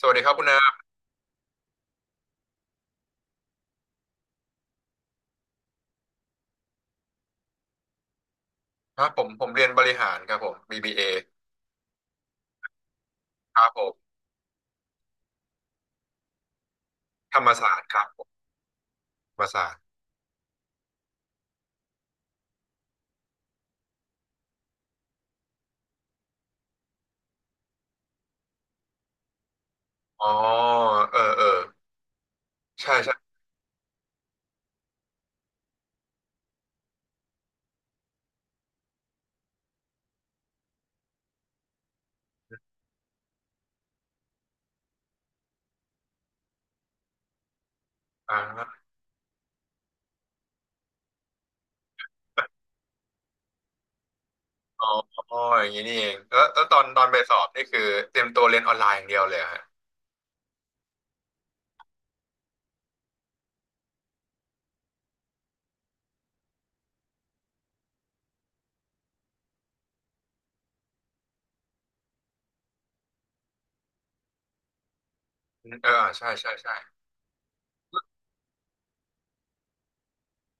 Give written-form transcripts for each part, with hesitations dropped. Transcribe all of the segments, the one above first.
สวัสดีครับคุณนาครับผมเรียนบริหารครับผม BBA ครับผมธรรมศาสตร์ครับผมธรรมศาสตร์อ๋อเออเออใช่ใช่อ่าอ๋ออ๋ออย่างนี้นี่เองแล้วตอนไปสอบนี่คือเตรียมตัวเรียนออนไลน์อย่างเดียวเลยเหรอฮะอืมเออใช่ใช่ใช่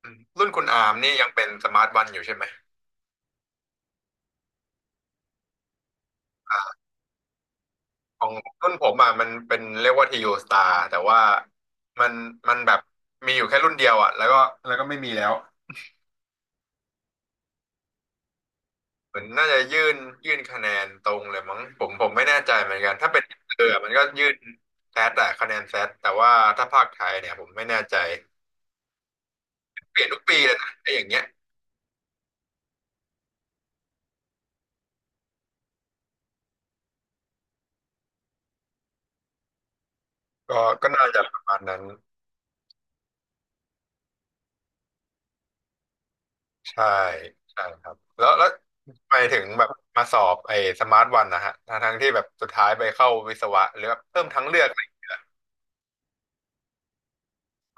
อืมรุ่นคุณอาร์มนี่ยังเป็นสมาร์ทวันอยู่ใช่ไหมของรุ่นผมอ่ะมันเป็นเรียกว่าทีโอสตาร์แต่ว่ามันมันแบบมีอยู่แค่รุ่นเดียวอ่ะแล้วก็แล้วก็ไม่มีแล้ว เหมือนน่าจะยื่นคะแนนตรงเลยมั้งผมไม่แน่ใจเหมือนกันถ้าเป็นเออมันก็ยื่นแซดอะคะแนนแซดแต่ว่าถ้าภาคไทยเนี่ยผมไม่แน่ใจเปลี่ยนทุกปีเลยนะไอ้อย่างเงี้ยก็ก็น่าจะประมาณนั้นใช่ใช่ครับแล้วทำไมถึงแบบมาสอบไอ้สมาร์ทวันนะฮะทั้งที่แบบสุดท้ายไปเข้าวิศวะหรือแบบเพิ่มทั้งเลือกอะไร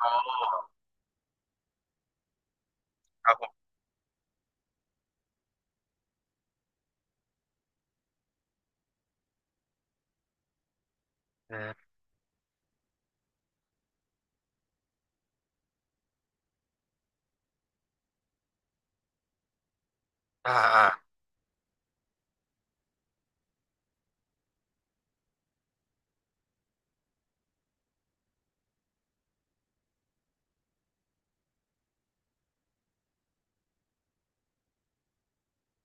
อ๋อครับผมอืมอ่าอ่า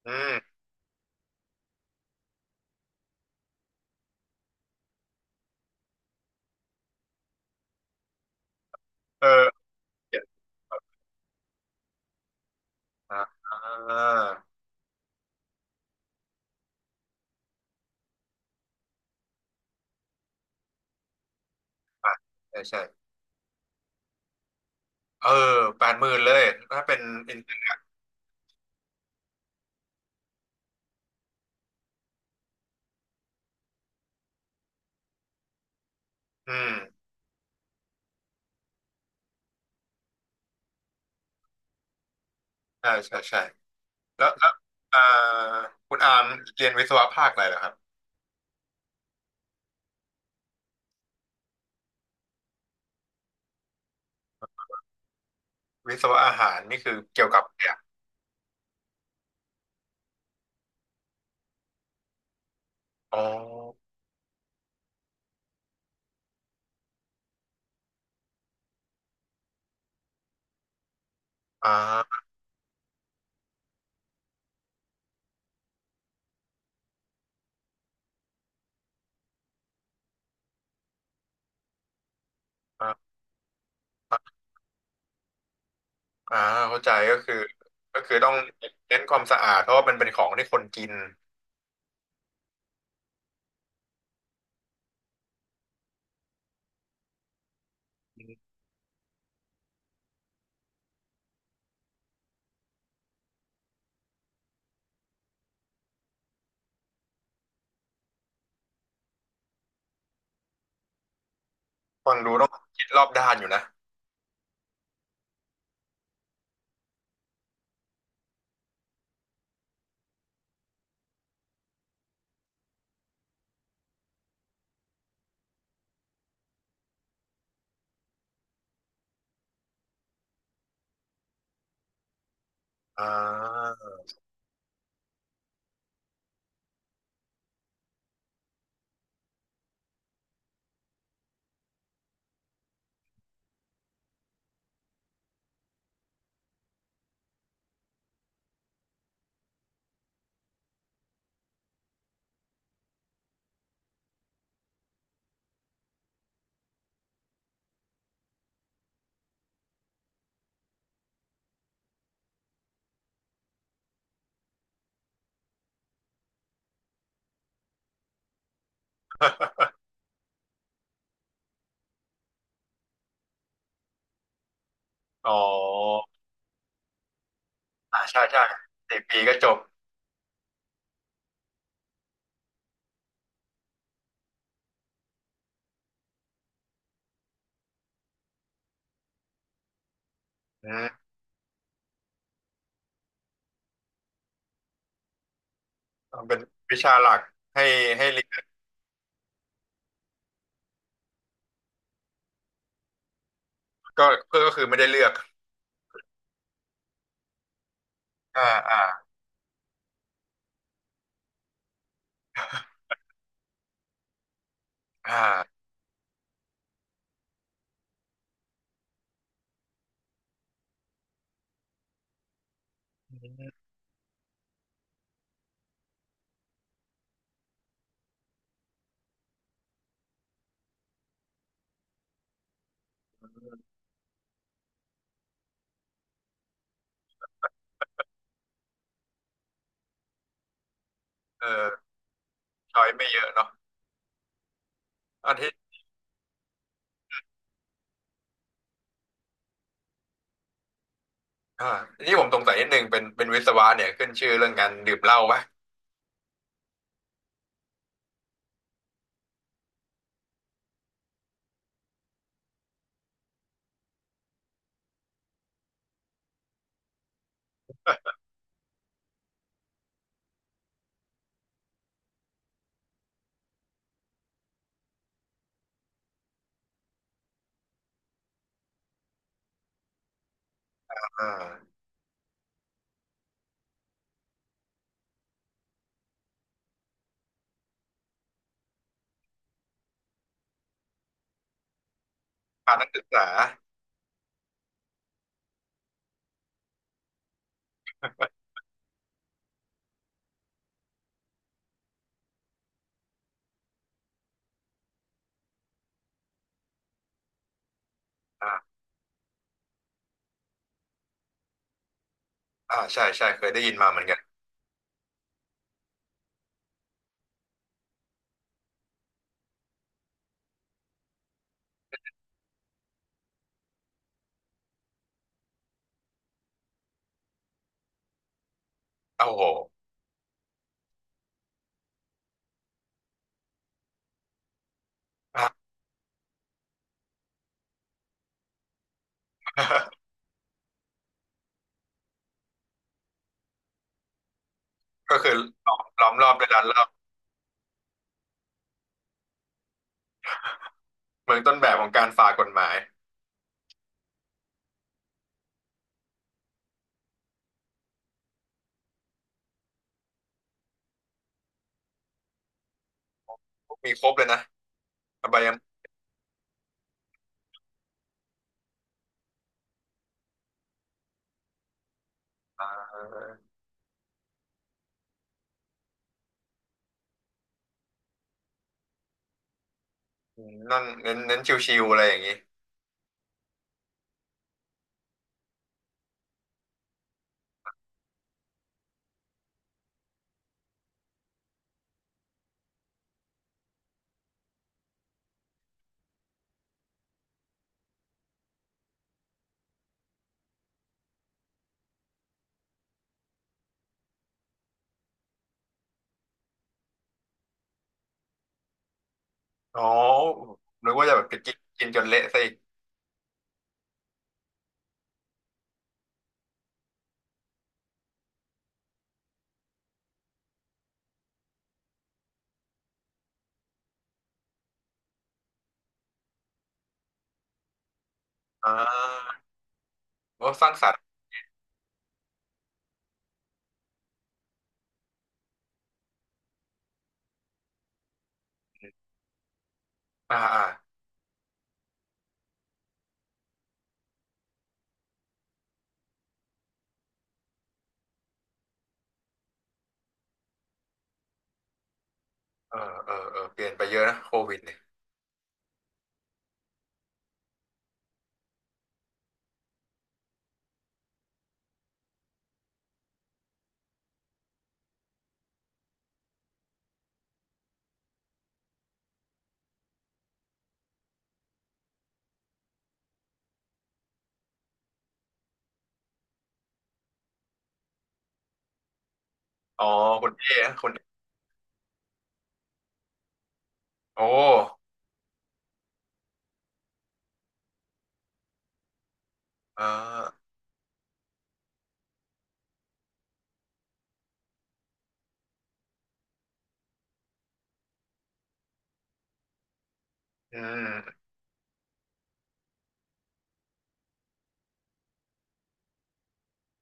อืมเอออ่าอ่าอ่ะใช่ใช่ เออแปดหมื่นเลยถ้าเป็นอินอืมใช่ใช่ใช่แล้วแล้วอ่าคุณอามเรียนวิศวะภาคอะไรเหรอครับวิศวะอาหารนี่คือเกี่ยวกับเนี่ยอ๋ออ่าอ่าอ่าเข้าใจก็คือก็คือต้องเน้นความสะอาดเพราะว่ามันเป็นของที่คนกินฟังดูต้องคิดรอบด้านอยู่นะอ่าอ๋ออ่าใช่ใช่สี่ปีก็จบอืมเป็นวิชาหลักให้เรียนก็เพื่อก็คือไม่ได้เลือกอ่าอ่าอ่า อืมเออชอยไม่เยอะเนาะอันที่อ่าที่ผมสงสัยนิดนึงเป็นวิศวะเนี่ยขึ้นชื่อเรื่องการดื่มเหล้าปะอ่าพานักศึกษาอ่าอ่าใช่ใช่เคยได้ยินมาเหมือนกันโอ้โห อ่า ก็คือล้อมรอบด้วยร้านเหล้าเมืองต้นแบบของการฝ่ากฎหมาย มีครบเลยนะอบายมุขเออนั่งเน้นชิวๆอะไรอย่างนี้อ๋อนึกว่าจะแบบไปกินกินจนเละซะอีกอ่าโอ้สร้างสรรค์อ่าอ่าเออเออเออเปลี่ยนไปเยอะนะโควิดเนี่ย อ๋อคุณเอคุณโอ้เอออืม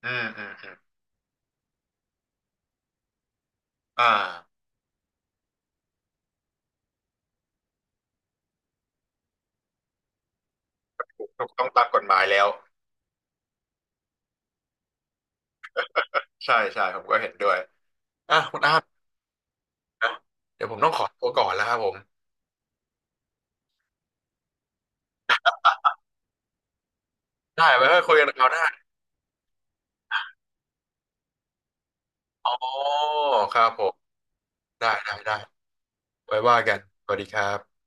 อืมอืมอืมอ่าถูกต้องตามกฎหมายแล้วใช่ใช่ผมก็เห็นด้วยอ่ะคุณอาร์ตนะเดี๋ยวผมต้องขอตัวก่อนแล้วครับผมได้ไว้ค่อยคุยกันคราวหน้าอ๋อครับผมได้ได้ได้ไว้ว่ากันสวัสดีครับ